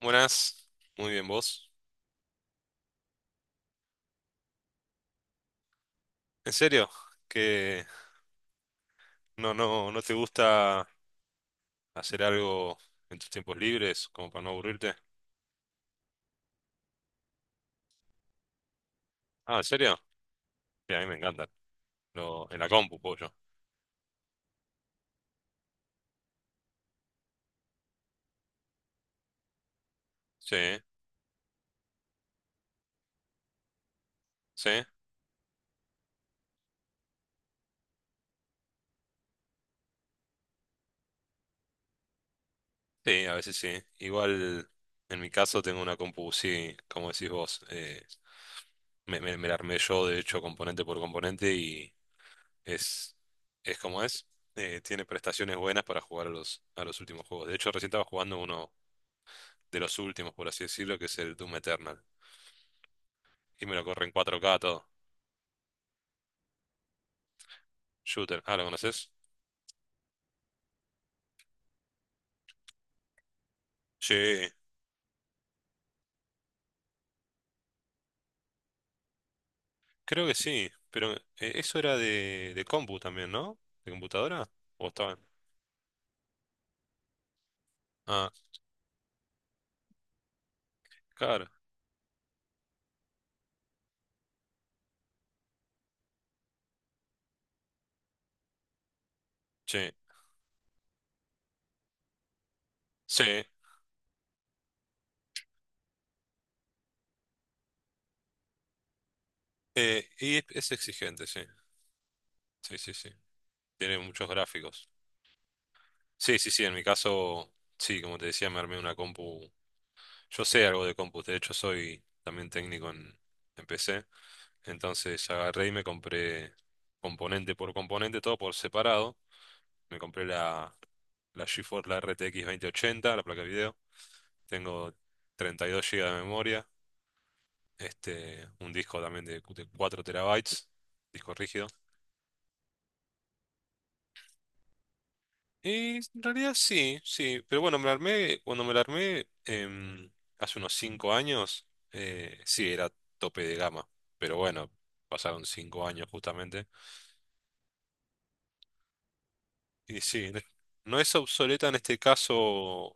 Buenas, muy bien vos. ¿En serio? ¿Que no te gusta hacer algo en tus tiempos libres como para no aburrirte? Ah, ¿en serio? Sí, a mí me encantan. Lo, en la compu, pollo. Sí, sí, sí, a veces sí. Igual en mi caso tengo una compu, sí, como decís vos, me la armé yo, de hecho, componente por componente y es, es como es. Tiene prestaciones buenas para jugar a los últimos juegos. De hecho, recién estaba jugando uno de los últimos, por así decirlo, que es el Doom Eternal. Y me lo corre en 4K todo. Shooter. Ah, ¿lo conoces? Sí, creo que sí. Pero eso era de compu también, ¿no? ¿De computadora? ¿O estaban? Ah, claro. Sí. Sí. Y es exigente, sí. Sí, sí, sí. Tiene muchos gráficos. Sí, sí, sí. En mi caso, sí, como te decía, me armé una compu. Yo sé algo de compus, de hecho soy también técnico en PC, entonces agarré y me compré componente por componente, todo por separado. Me compré la, la GeForce, la RTX 2080, la placa de video. Tengo 32 GB de memoria, un disco también de 4 terabytes, disco rígido. Y en realidad sí, sí, pero bueno, me la armé, cuando me la armé hace unos 5 años, sí, era tope de gama, pero bueno, pasaron 5 años justamente. Y sí, no es obsoleta en este caso,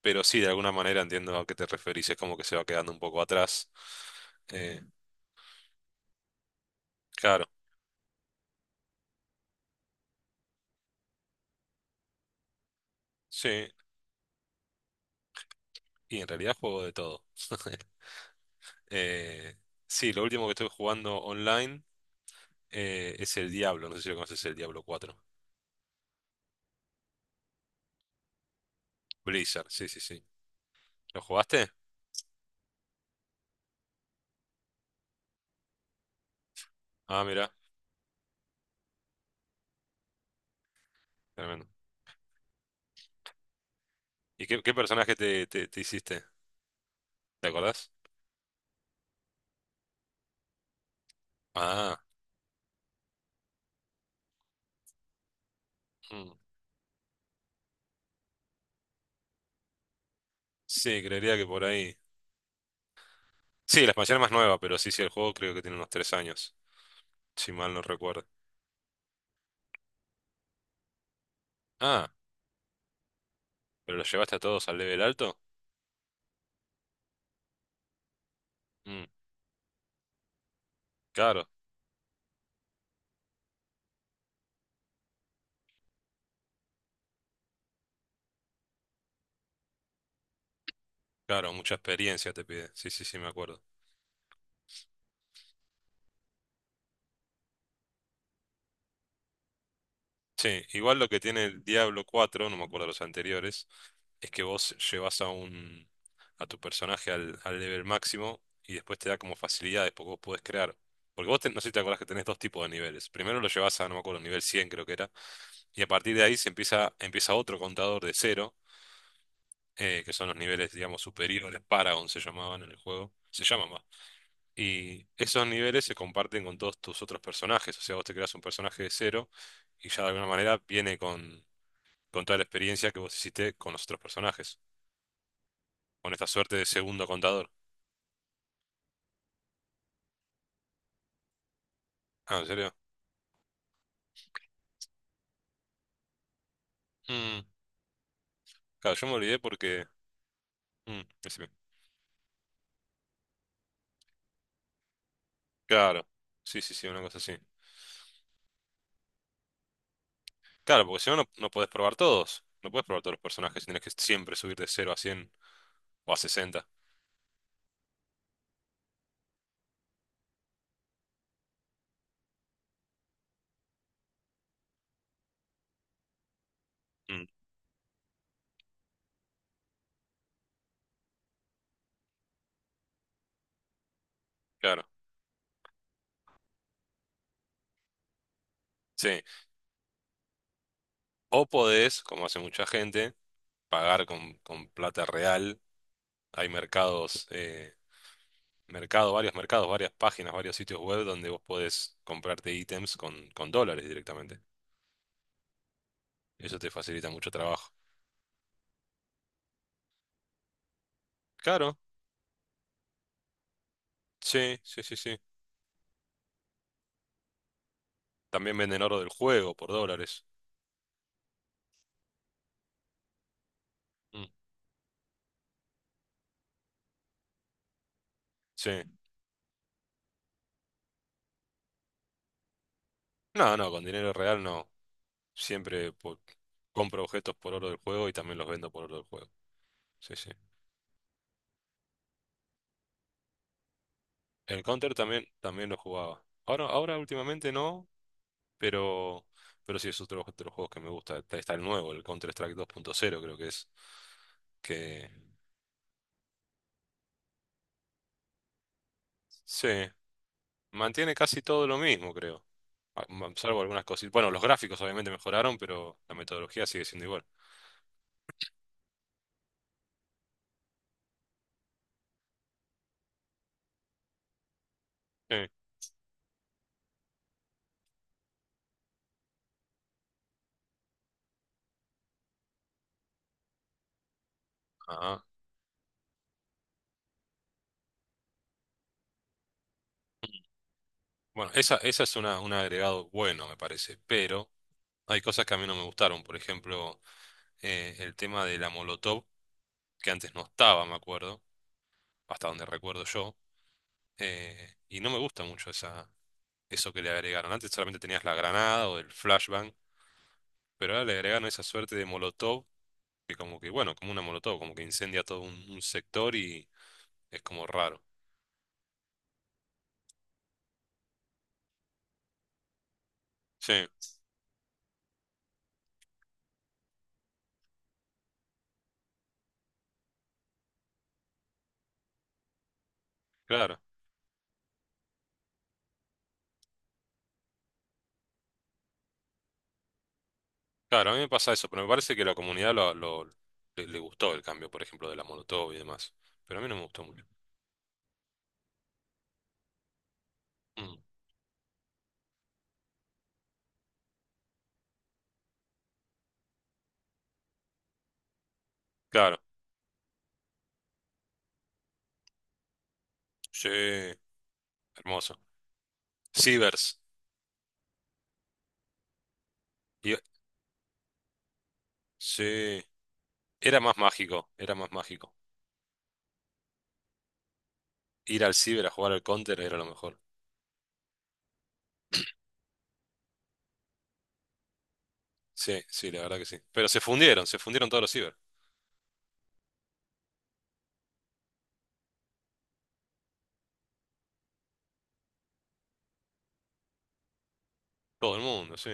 pero sí, de alguna manera entiendo a qué te referís, es como que se va quedando un poco atrás. Eh, claro, sí, y en realidad juego de todo. Eh, sí, lo último que estoy jugando online, es el Diablo, no sé si lo conoces, el Diablo 4. Blizzard, sí, sí, sí. ¿Lo jugaste? Ah, mira, tremendo. ¿Y qué, qué personaje te hiciste? ¿Te acordás? Ah, mm. Sí, creería que por ahí. Sí, la expansión es más nueva, pero sí, sí, el juego creo que tiene unos 3 años, si mal no recuerdo. Ah, ¿pero lo llevaste a todos al level alto? Mm, claro, claro, mucha experiencia te pide. Sí, sí, sí, me acuerdo. Sí, igual lo que tiene el Diablo 4, no me acuerdo los anteriores, es que vos llevas a un, a tu personaje al, al nivel máximo y después te da como facilidades porque vos podés crear. Porque vos no sé si te acordás que tenés dos tipos de niveles. Primero lo llevas a, no me acuerdo, nivel 100 creo que era, y a partir de ahí empieza otro contador de cero, que son los niveles, digamos, superiores, Paragon se llamaban en el juego, se llaman más. Y esos niveles se comparten con todos tus otros personajes, o sea, vos te creas un personaje de cero y ya de alguna manera viene con toda la experiencia que vos hiciste con los otros personajes, con esta suerte de segundo contador. Ah, ¿en serio? Mm, claro, yo me olvidé porque... mm, decime. Claro, sí, sí, sí, una cosa así. Claro, porque si no, no podés probar todos, no podés probar todos los personajes, tenés que siempre subir de 0 a 100 o a 60. Mm, claro, sí. O podés, como hace mucha gente, pagar con plata real. Hay mercados... mercado, varios mercados, varias páginas, varios sitios web donde vos podés comprarte ítems con dólares directamente. Eso te facilita mucho trabajo. Claro, sí, sí, sí, sí. También venden oro del juego por dólares. Mm, sí. No, no, con dinero real no. Siempre po- compro objetos por oro del juego y también los vendo por oro del juego. Sí, sí. El Counter también, también lo jugaba. Ahora, ahora últimamente no, pero, pero sí es otro, otro de los juegos que me gusta. Está, está el nuevo, el Counter-Strike 2.0 creo que es. Que sí. Mantiene casi todo lo mismo, creo. Ah, salvo algunas cositas. Bueno, los gráficos obviamente mejoraron, pero la metodología sigue siendo igual. Sí. Ajá. Bueno, esa es una, un agregado bueno, me parece, pero hay cosas que a mí no me gustaron. Por ejemplo, el tema de la Molotov, que antes no estaba, me acuerdo, hasta donde recuerdo yo. Y no me gusta mucho esa, eso que le agregaron. Antes solamente tenías la granada o el flashbang, pero ahora le agregaron esa suerte de Molotov, que como que, bueno, como una Molotov, como que incendia todo un sector y es como raro. Sí, claro. Claro, a mí me pasa eso, pero me parece que la comunidad le gustó el cambio, por ejemplo, de la Molotov y demás. Pero a mí no me gustó mucho. Mm, claro, sí, hermoso. Cibers. y- sí, era más mágico, era más mágico. Ir al ciber a jugar al Counter era lo mejor. Sí, sí, la verdad que sí. Pero se fundieron todos los ciber. Todo el mundo, sí.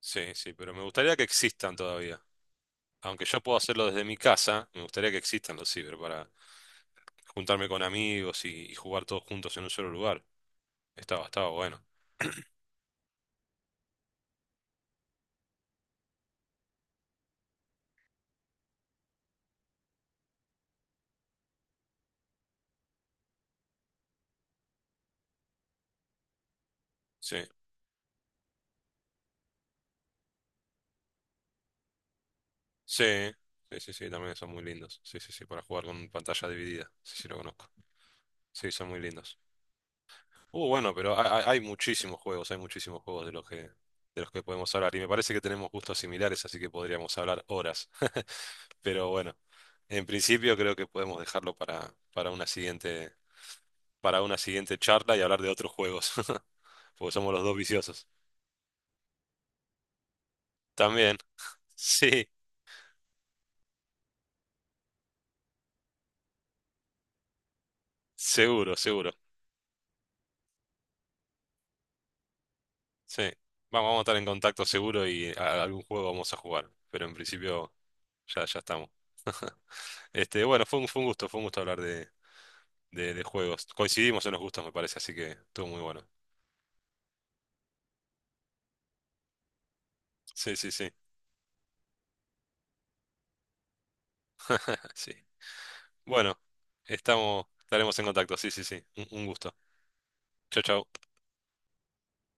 Sí, sí, pero me gustaría que existan todavía. Aunque yo puedo hacerlo desde mi casa, me gustaría que existan los ciber, juntarme con amigos y jugar todos juntos en un solo lugar. Estaba, estaba bueno. Sí, sí, sí, sí, sí, también son muy lindos. Sí, sí, sí, para jugar con pantalla dividida. Sí, sí, lo conozco. Sí, son muy lindos. Bueno, pero hay, hay muchísimos juegos de los que podemos hablar. Y me parece que tenemos gustos similares, así que podríamos hablar horas. Pero bueno, en principio creo que podemos dejarlo para una siguiente charla y hablar de otros juegos. Porque somos los dos viciosos. También. Sí, seguro, seguro. Sí. Vamos, vamos a estar en contacto seguro algún juego vamos a jugar. Pero en principio ya, ya estamos. Este, bueno, fue un gusto hablar de juegos. Coincidimos en los gustos, me parece, así que estuvo muy bueno. Sí, sí, sí. Sí. Bueno, estamos, estaremos en contacto. Sí, sí, sí. Un gusto. Chau, chau.